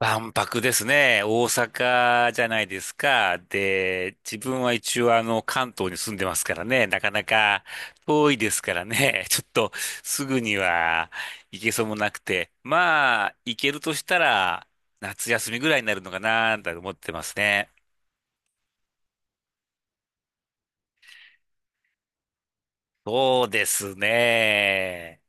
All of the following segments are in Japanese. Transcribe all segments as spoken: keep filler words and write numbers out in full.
万博ですね。大阪じゃないですか。で、自分は一応あの関東に住んでますからね。なかなか遠いですからね。ちょっとすぐには行けそうもなくて。まあ、行けるとしたら夏休みぐらいになるのかなと思ってますね。そうですね。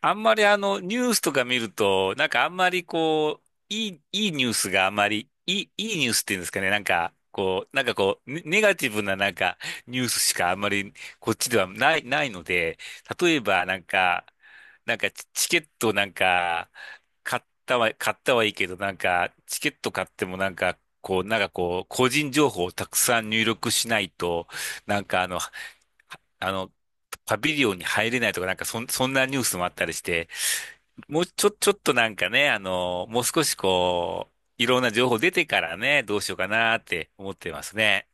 あんまりあの、ニュースとか見ると、なんかあんまりこう、いい、いいニュースがあんまり、いい、いいニュースっていうんですかね、なんか、こう、なんかこう、ネネガティブななんか、ニュースしかあんまり、こっちではない、ないので、例えばなんか、なんかチチケットなんか、買ったは、買ったはいいけど、なんか、チケット買ってもなんか、こう、なんかこう、個人情報をたくさん入力しないと、なんかあの、あの、パビリオンに入れないとか、なんかそん、そんなニュースもあったりして、もうちょ、ちょっとなんかね、あの、もう少しこう、いろんな情報出てからね、どうしようかなって思ってますね。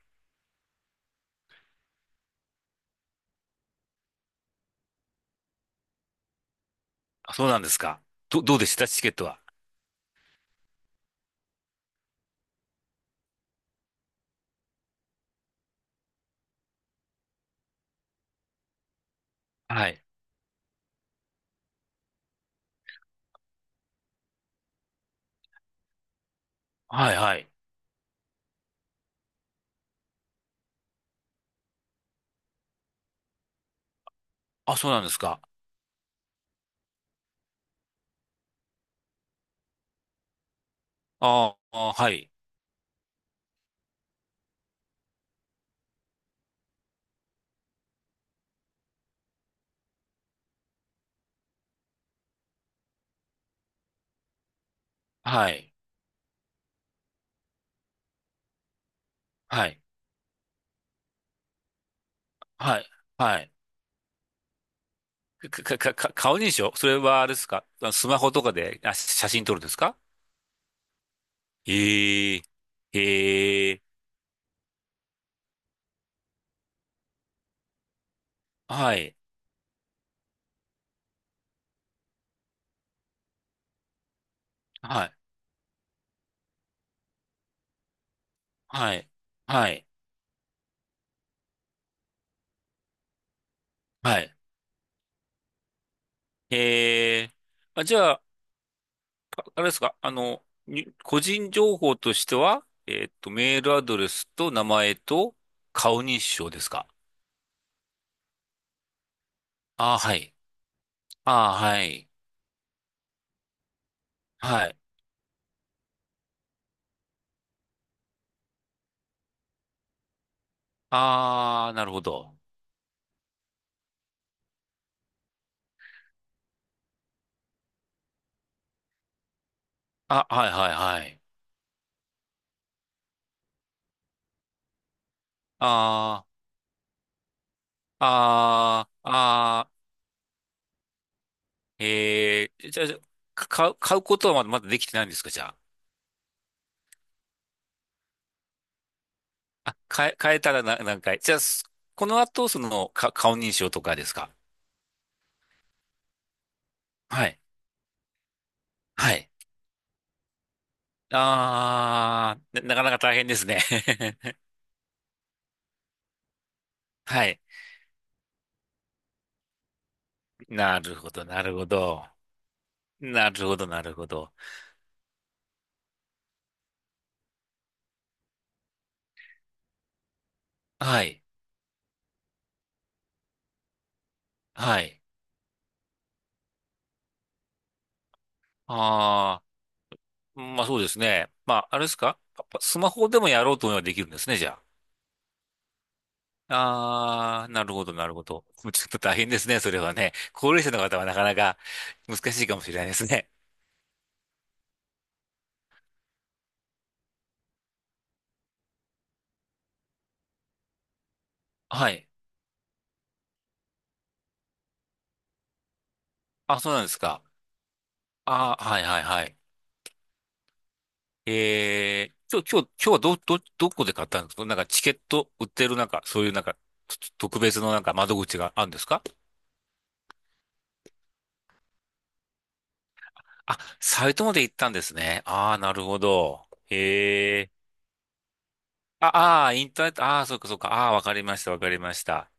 あ、そうなんですか。ど、どうでしたチケットは？はい。はい、はい。あ、そうなんですか。ああ、はい。はい。はい。はい。はい。か、か、か、か顔認証、それはあれですか？あスマホとかで、あ、写真撮るんですか？ええ、ええ、はい。はい。はい。はい。はい。ええ。あ、じゃあ、ああれですか、あの、に個人情報としては、えーっと、メールアドレスと名前と顔認証ですか？ああ、はい。ああ、はい。はい。ああ、なるほど。あ、はい、はい、はい。ああ、ああ、ああ、ええ、じゃあ、じゃあか買う、買うことはまだ、まだできてないんですか、じゃあ？あ、変え、変えたらな何回。じゃあ、すこの後、その、か、顔認証とかですか？はい、はい。あー、な、なかなか大変ですね。はい。なるほど、なるほど。なるほど、なるほど。はい。はい。あー、まあそうですね。まあ、あれですかパパスマホでもやろうと思えばできるんですね、じゃあ？あー、なるほど、なるほど。もうちょっと大変ですね、それはね。高齢者の方はなかなか難しいかもしれないですね。はい。あ、そうなんですか。ああ、はい、はい、はい。えー、今日、今日、今日はど、ど、どこで買ったんですか？なんかチケット売ってるなんか、そういうなんか、と特別のなんか窓口があるんですか？あ、サイトまで行ったんですね。ああ、なるほど。へえ。ああー、インターネット、ああ、そうかそうか。ああ、わかりました、わかりました。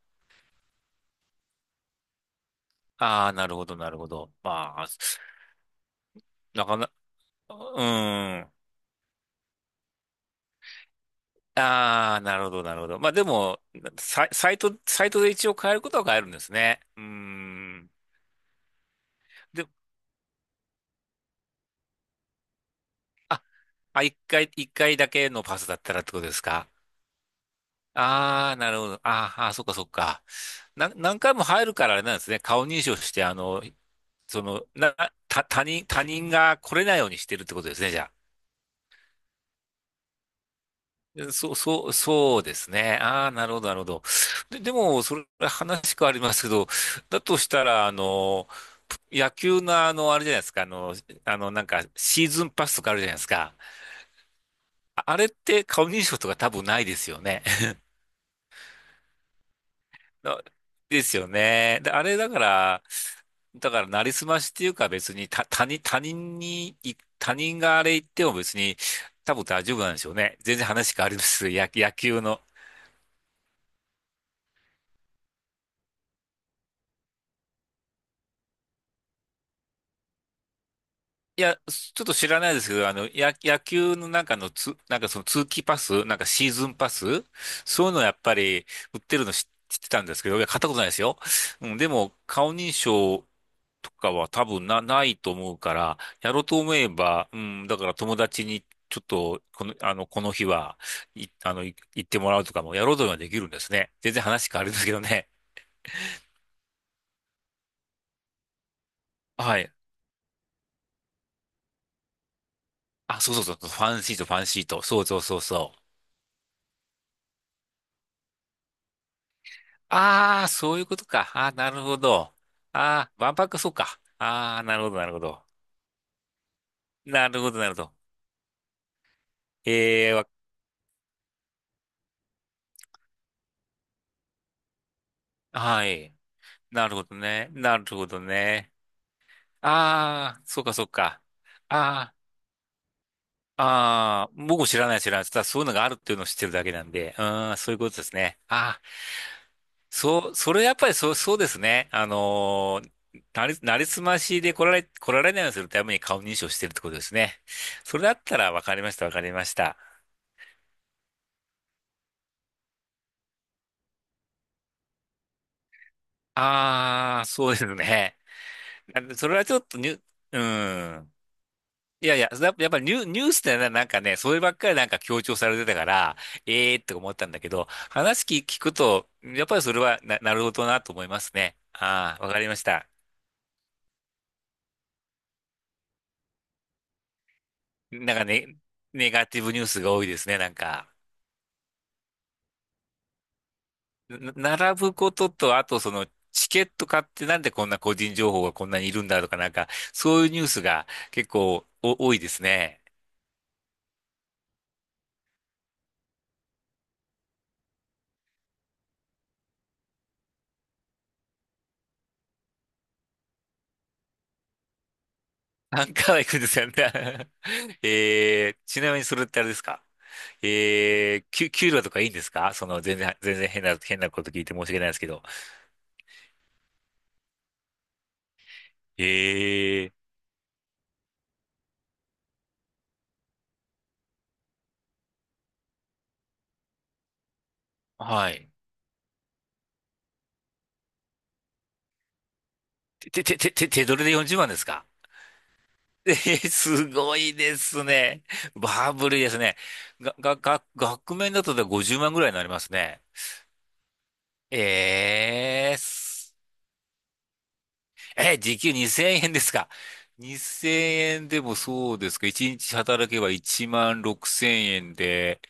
ああ、なるほど、なるほど。まあ、なかな、うーん。ああ、なるほど、なるほど。まあでも、サイ、サイト、サイトで一応変えることは変えるんですね。うーん。で、あ、一回、一回だけのパスだったらってことですか？ああー、なるほど。あーあー、そっかそっか。な、何回も入るからあれなんですね。顔認証して、あの、その、な、た、他人、他人が来れないようにしてるってことですね、じゃあ。そう、そう、そうですね。ああ、なるほど、なるほど。で、でも、それ、話変わりますけど、だとしたら、あの、野球のあの、あれじゃないですか、あの、あの、なんか、シーズンパスとかあるじゃないですか。ああれって顔認証とか多分ないですよね。だですよね。で、あれだから、だから、なりすましっていうか別に、た、他人、他人に、い他人があれ言っても別に、多分大丈夫なんでしょうね。全然話変わります。野、野球の。いや、ちょっと知らないですけど、あの、野野球の中のつ、なんかその通期パス、なんかシーズンパス、そういうのやっぱり売ってるの知知ってたんですけど、いや、買ったことないですよ。うん、でも、顔認証とかは多分な、ないと思うから、やろうと思えば、うん、だから友達にちょっと、この、あの、この日は、い、あの、い行ってもらうとかもやろうとはできるんですね。全然話変わるんですけどね。はい。あ、そうそうそう、ファンシート、ファンシート。そうそうそうそう。ああ、そういうことか。ああ、なるほど。ああ、万博、そうか。ああ、なるほど、なるほど。なるほど、なるほど。ええ、わはい。なるほどね。なるほどね。ああ、そうか、そうか。ああ。ああ、僕も知らない知らない、ただそういうのがあるっていうのを知ってるだけなんで、うーん、そういうことですね。ああ、そう、それやっぱりそう、そうですね。あのー、なり、なりすましで来られ、来られないようにするために顔認証してるってことですね。それだったらわかりました、わかりました。ああ、そうですね。あ、それはちょっとに、ーうん。いやいや、やっぱやっぱニュー、ニュースってななんかね、そればっかりなんか強調されてたから、ええーって思ったんだけど、話聞聞くと、やっぱりそれはな、なるほどなと思いますね。ああ、わかりました。なんかね、ネガティブニュースが多いですね、なんか。な並ぶことと、あとその、チケット買ってなんでこんな個人情報がこんなにいるんだとか、なんか、そういうニュースが結構お多いですね。何回は行くん ですよね。えー、ちなみにそれってあれですか？えー、給、給料とかいいんですか？その、全然、全然変な、変なこと聞いて申し訳ないですけど。えー、はい。て、て、て、て、手取りでよんじゅうまんですか？ えー、すごいですね。バブルですね。が、が、が、額面だとでごじゅうまんぐらいになりますね。えー、す、えー、時給にせんえんですか？ にせん 円でもそうですか？ いち 日働けばいちまんろくせんえんで、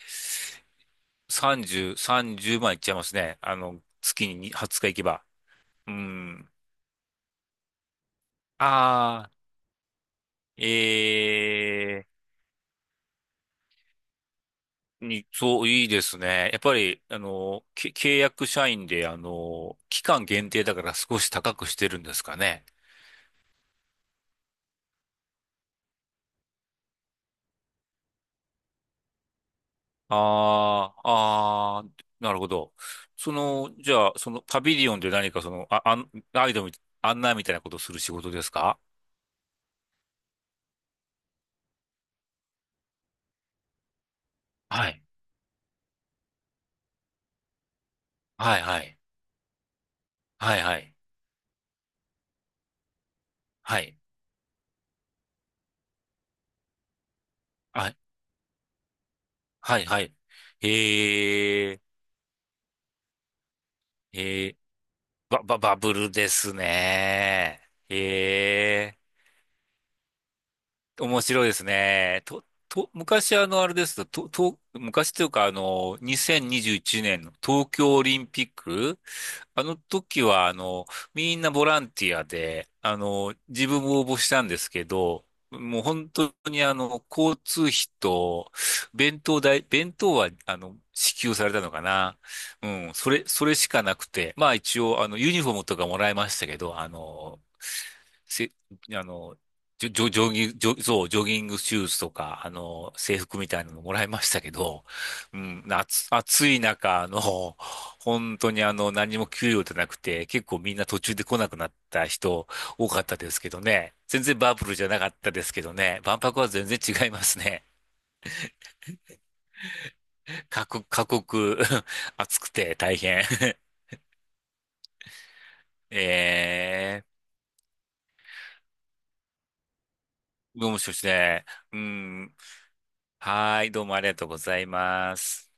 さんじゅう、さんじゅうまんいっちゃいますね。あの、月にはつか行けば。うん。ああ、ええ、に、そう、いいですね。やっぱり、あの、け契約社員で、あの、期間限定だから少し高くしてるんですかね。ああ、ああ、なるほど。その、じゃあ、そのパビリオンで何かその、あ、あん、ガイドみ、案内みたいなことをする仕事ですか？はい。はい、はい。はい、はい。はい。あ、はい、はい。へえ、へえ、バババブルですね。へえ。面白いですね。と、と、昔、あの、あれですと、と、と昔というかあの、にせんにじゅういちねんの東京オリンピック、あの時はあの、みんなボランティアで、あの、自分も応募したんですけど、もう本当にあの、交通費と、弁当代、弁当はあの、支給されたのかな。うん、それ、それしかなくて、まあ一応あの、ユニフォームとかもらいましたけど、あの、せ、あの、ジョ、ジョジョギング、ジョ、そう、ジョギングシューズとか、あの、制服みたいなのもらいましたけど、うん、夏、暑い中、あの、本当にあの、何も給料じゃなくて、結構みんな途中で来なくなった人多かったですけどね。全然バブルじゃなかったですけどね。万博は全然違いますね。過酷、過酷、暑くて大変。えー、どうもしょしてうん。はい、どうもありがとうございます。